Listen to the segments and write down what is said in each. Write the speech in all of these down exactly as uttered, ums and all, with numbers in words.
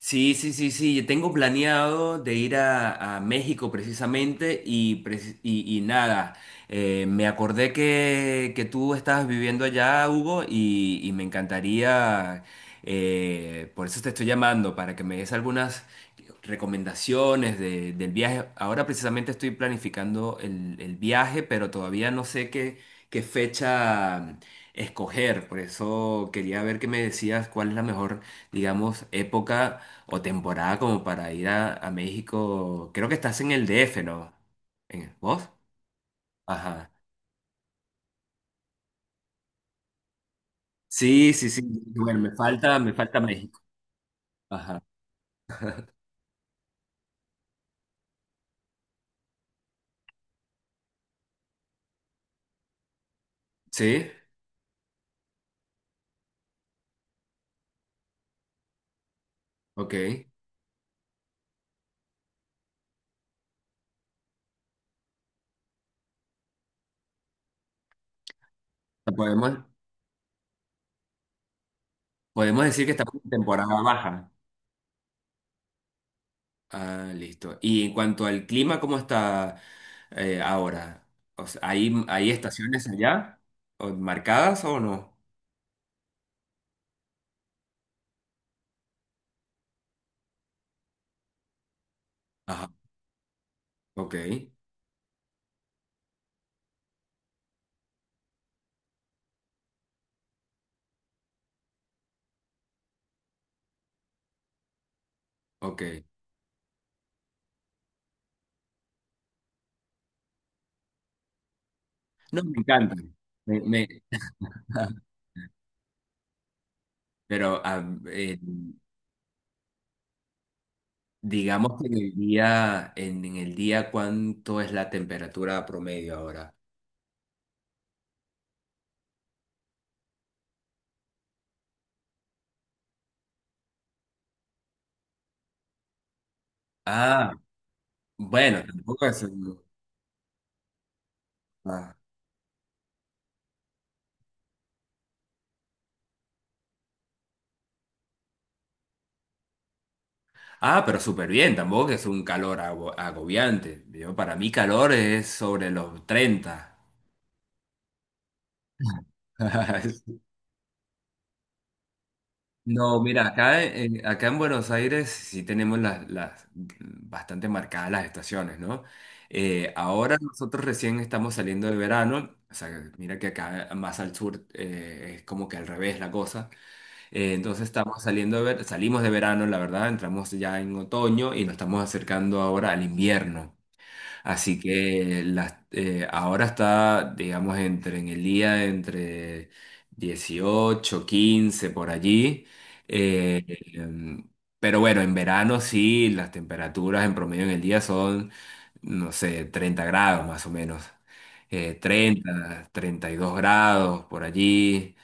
Sí, sí, sí, sí. Yo tengo planeado de ir a, a México precisamente y, preci- y, y nada, eh, me acordé que, que tú estabas viviendo allá, Hugo, y, y me encantaría, eh, por eso te estoy llamando, para que me des algunas recomendaciones de- del viaje. Ahora precisamente estoy planificando el, el viaje, pero todavía no sé qué, qué fecha escoger. Por eso quería ver qué me decías, cuál es la mejor, digamos, época o temporada como para ir a, a México. Creo que estás en el D F, ¿no? ¿En, vos? Ajá. Sí, sí, sí. Bueno, me falta, me falta México. Ajá. Sí, ok. Podemos, podemos decir que estamos en temporada baja. Ah, listo. Y en cuanto al clima, ¿cómo está, eh, ahora? O sea, ¿hay, hay estaciones allá? ¿O marcadas o no? Ajá. Ok, ok. No, me encanta. Me- me- pero ah, eh, Digamos que en el día, en, en el día, ¿cuánto es la temperatura promedio ahora? Ah, bueno, tampoco es un... Ah, ah, pero súper bien, tampoco es un calor ago- agobiante. Yo, para mí calor es sobre los treinta. No, mira, acá en, acá en Buenos Aires sí tenemos las, las bastante marcadas las estaciones, ¿no? Eh, ahora nosotros recién estamos saliendo de verano, o sea, mira que acá más al sur eh, es como que al revés la cosa. Eh, entonces estamos saliendo de ver- salimos de verano, la verdad, entramos ya en otoño y nos estamos acercando ahora al invierno. Así que las- eh, ahora está, digamos, entre en el día, entre dieciocho, quince, por allí. Eh, em, pero bueno, en verano sí, las temperaturas en promedio en el día son, no sé, treinta grados más o menos. Eh, treinta, treinta y dos grados por allí.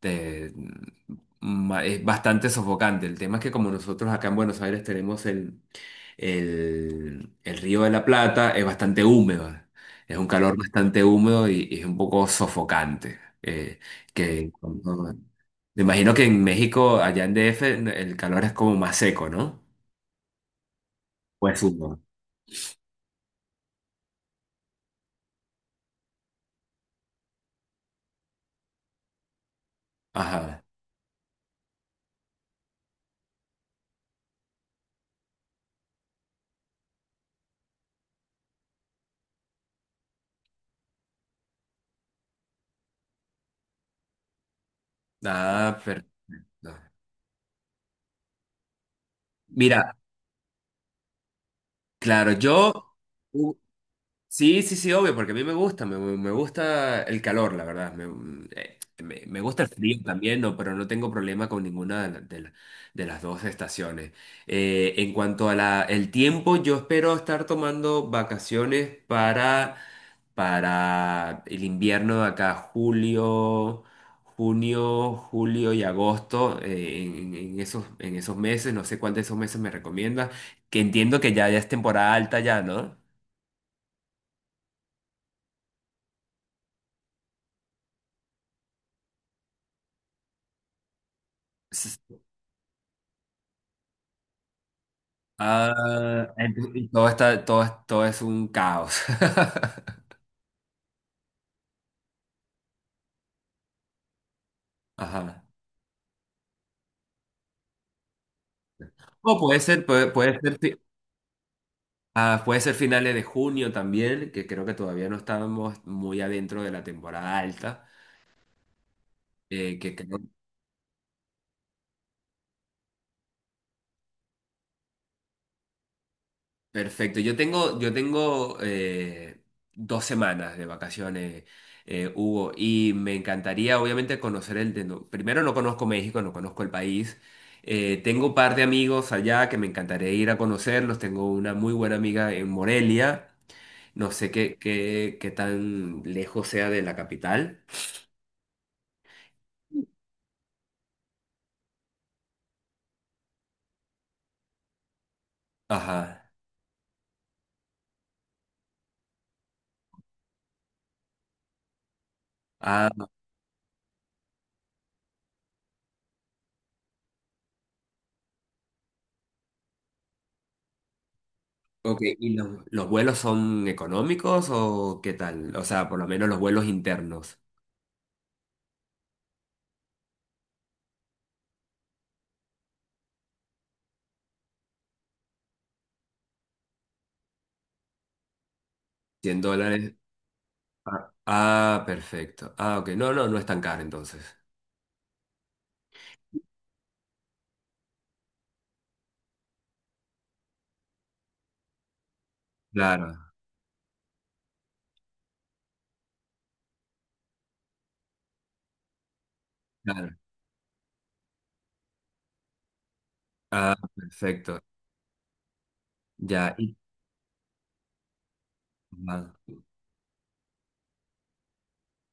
Te- mm, ma- es bastante sofocante. El tema es que como nosotros acá en Buenos Aires tenemos el el, el Río de la Plata. Es bastante húmedo, es un calor bastante húmedo y, y es un poco sofocante. eh, que cuando- Me imagino que en México, allá en D F, el calor es como más seco, ¿no? Pues húmedo. Ajá. Ah, perfecto. Mira, claro, yo Sí, sí, sí, obvio, porque a mí me gusta, me, me gusta el calor, la verdad. Me, eh, me- Me gusta el frío también, no, pero no tengo problema con ninguna de, la- de la- de las dos estaciones. Eh, en cuanto a la, el tiempo, yo espero estar tomando vacaciones para, para el invierno de acá, julio, junio, julio y agosto, eh, en, en esos, en esos meses, no sé cuál de esos meses me recomiendas, que entiendo que ya, ya es temporada alta ya, ¿no? Ah, ent- y todo está, todo, es- todo es un caos. Ajá. O puede ser, puede, Puede ser, fi- ah, puede ser finales de junio también, que creo que todavía no estábamos muy adentro de la temporada alta, eh, que creo Perfecto. Yo tengo, yo tengo, eh, dos semanas de vacaciones, eh, Hugo, y me encantaría obviamente conocer el de... no- Primero no conozco México, no conozco el país. Eh, tengo un par de amigos allá que me encantaría ir a conocerlos. Tengo una muy buena amiga en Morelia. No sé qué, qué, qué tan lejos sea de la capital. Ajá. Ah, ok. ¿Y los, los vuelos son económicos o qué tal? O sea, por lo menos los vuelos internos. Cien dólares. Ah, ah, perfecto. Ah, ok. No, no, no es tan caro entonces. Claro, claro. Ah, perfecto. Ya. Y- ah,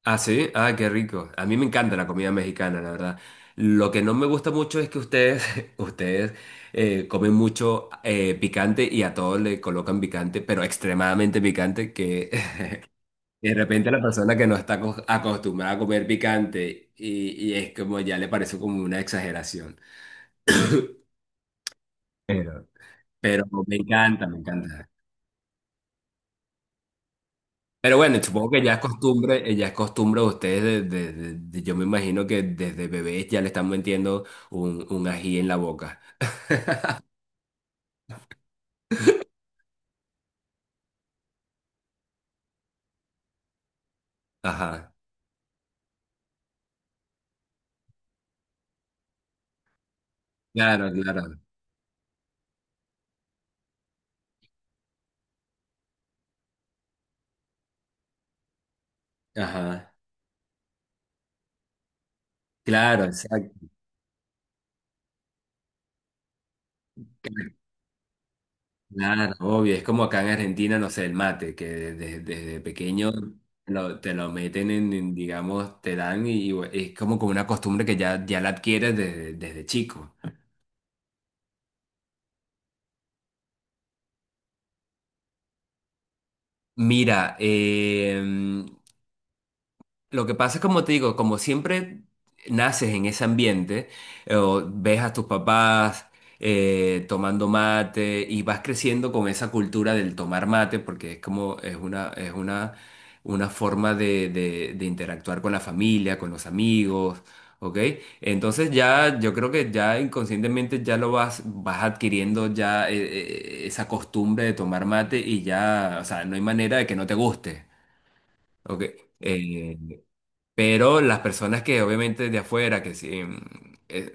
ah, sí. Ah, qué rico. A mí me encanta la comida mexicana, la verdad. Lo que no me gusta mucho es que ustedes, ustedes eh, comen mucho eh, picante y a todos le colocan picante, pero extremadamente picante, que de repente la persona que no está acos- acostumbrada a comer picante y, y es como ya le parece como una exageración. Pero, pero me encanta, me encanta. Pero bueno, supongo que ya es costumbre, eh, ya es costumbre de ustedes, de- de- de- de- yo me imagino que desde bebés ya le están metiendo un, un ají en la boca. Ajá. Claro, claro. Ajá. Claro, exacto. Claro, obvio. Es como acá en Argentina, no sé, el mate, que de- de- desde pequeño lo- te lo meten en, en, digamos, te dan y, bueno, es como con una costumbre que ya, ya la adquieres desde, desde chico. Mira, em, lo que pasa es como te digo, como siempre naces en ese ambiente, eh, o ves a tus papás eh, tomando mate y vas creciendo con esa cultura del tomar mate, porque es como es una, es una, una forma de, de- de interactuar con la familia, con los amigos, ¿ok? Entonces ya yo creo que ya inconscientemente ya lo vas, vas adquiriendo ya eh, eh, esa costumbre de tomar mate y ya, o sea, no hay manera de que no te guste, ¿ok? Eh, pero las personas que obviamente de afuera, que sí, mm, eh,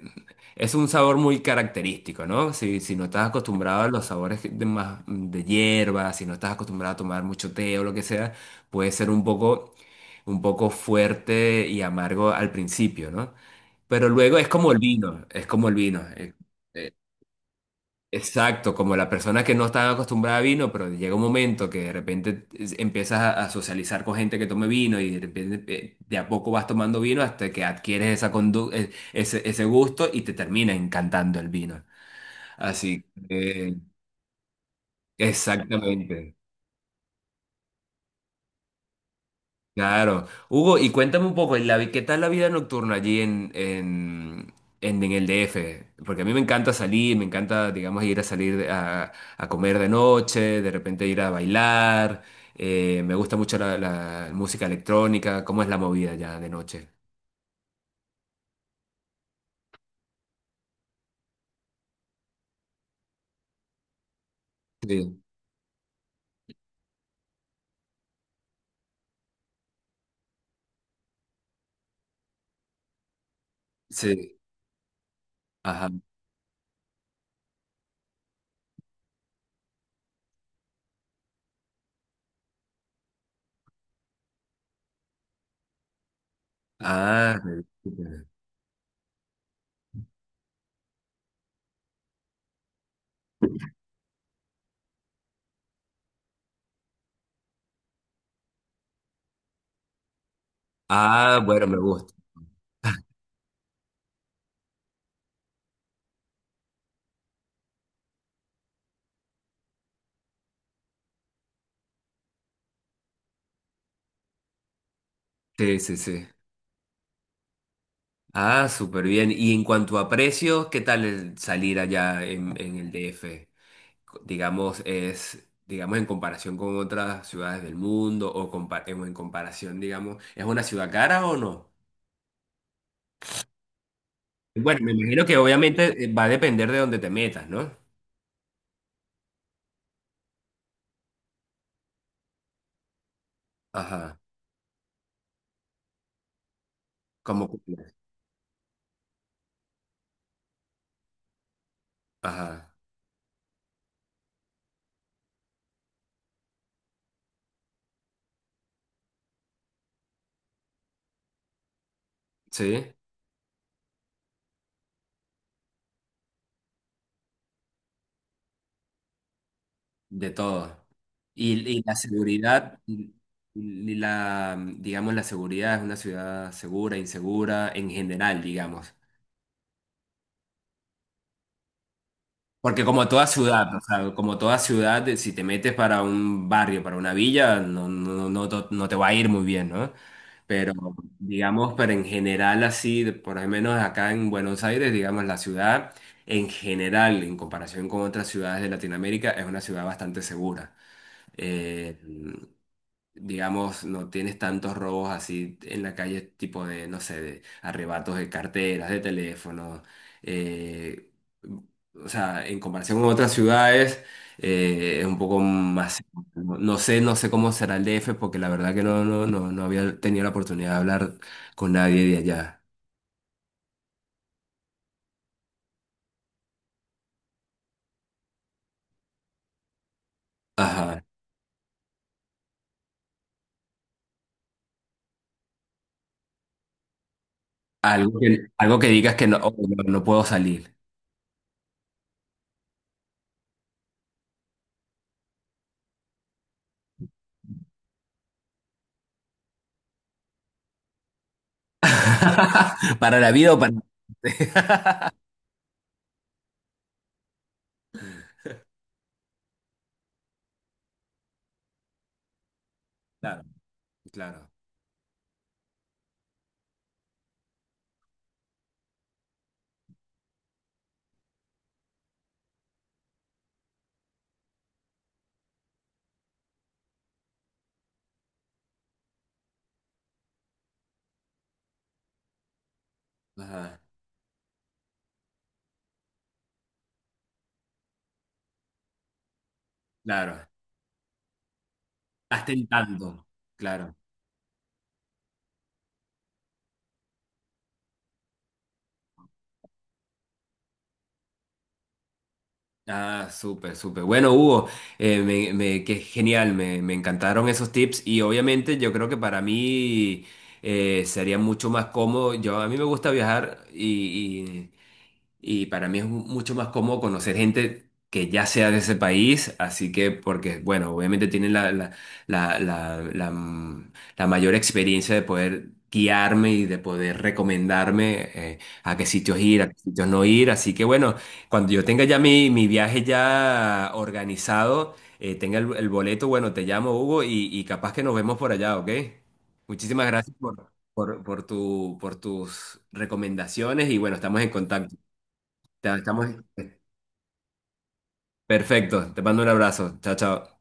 es un sabor muy característico, ¿no? Si, si no estás acostumbrado a los sabores de, más, mm, de hierba, si no estás acostumbrado a tomar mucho té o lo que sea, puede ser un poco, un poco fuerte y amargo al principio, ¿no? Pero luego es como el vino, es como el vino. eh, eh, Exacto, como la persona que no está acostumbrada a vino, pero llega un momento que de repente es- empiezas a, a socializar con gente que tome vino y de repente eh, de a poco vas tomando vino hasta que adquieres esa condu- eh, ese, ese gusto y te termina encantando el vino. Así que, exactamente. Claro. Hugo, y cuéntame un poco, la vi- ¿qué tal la vida nocturna allí en, en, en, en, el D F? Porque a mí me encanta salir, me encanta, digamos, ir a salir de- a, a comer de noche, de repente ir a bailar. Eh, me gusta mucho la, la música electrónica. ¿Cómo es la movida ya de noche? Sí, sí. Ajá. Ah, súper. Ah, bueno, me gusta. Sí, sí, sí. Ah, súper bien. Y en cuanto a precios, ¿qué tal el salir allá en, en el D F? Digamos, es, digamos, en comparación con otras ciudades del mundo o compa- en en comparación, digamos, ¿es una ciudad cara o no? Bueno, me imagino que obviamente eh, va a depender de dónde te metas, ¿no? Ajá, como, cumplas. Ajá, sí, de todo. Y, y la seguridad, y y la, digamos, la seguridad, ¿es una ciudad segura, insegura, en general, digamos? Porque como toda ciudad, o sea, como toda ciudad, eh, si te metes para un barrio, para una villa, no, no, no, no no te va a ir muy bien, ¿no? Pero digamos, pero en general así, de- por lo menos acá en Buenos Aires, digamos, la ciudad en general, en comparación con otras ciudades de Latinoamérica, es una ciudad bastante segura. Eh, digamos, no tienes tantos robos así en la calle, tipo de, no sé, de arrebatos de carteras, de teléfonos. eh, o sea, en comparación con otras ciudades, eh, es un poco más... No, no sé, no sé cómo será el D F, porque la verdad que no, no, no, no había tenido la oportunidad de hablar con nadie de allá. Ajá. Algo que, algo que digas que no, oh, no, no puedo salir. Para la vida o para... Claro, claro. Ajá, claro. Gasté el tanto, claro. Ah, súper, súper. Bueno, Hugo, eh, me, me- qué genial, me, me encantaron esos tips y obviamente yo creo que para mí eh, sería mucho más cómodo. Yo, a mí me gusta viajar y, y, y para mí es mu- mucho más cómodo conocer gente que ya sea de ese país, así que porque, bueno, obviamente tienen la, la, la, la, la, mm, la mayor experiencia de poder guiarme y de poder recomendarme eh, a qué sitios ir, a qué sitios no ir, así que bueno. Cuando yo tenga ya mi, mi viaje ya organizado, eh, tenga el, el boleto, bueno, te llamo, Hugo, y, y capaz que nos vemos por allá, ¿ok? Muchísimas gracias por, por, por tu, por tus recomendaciones y bueno, estamos en contacto. Estamos... eh, Perfecto, te mando un abrazo. Chao, chao.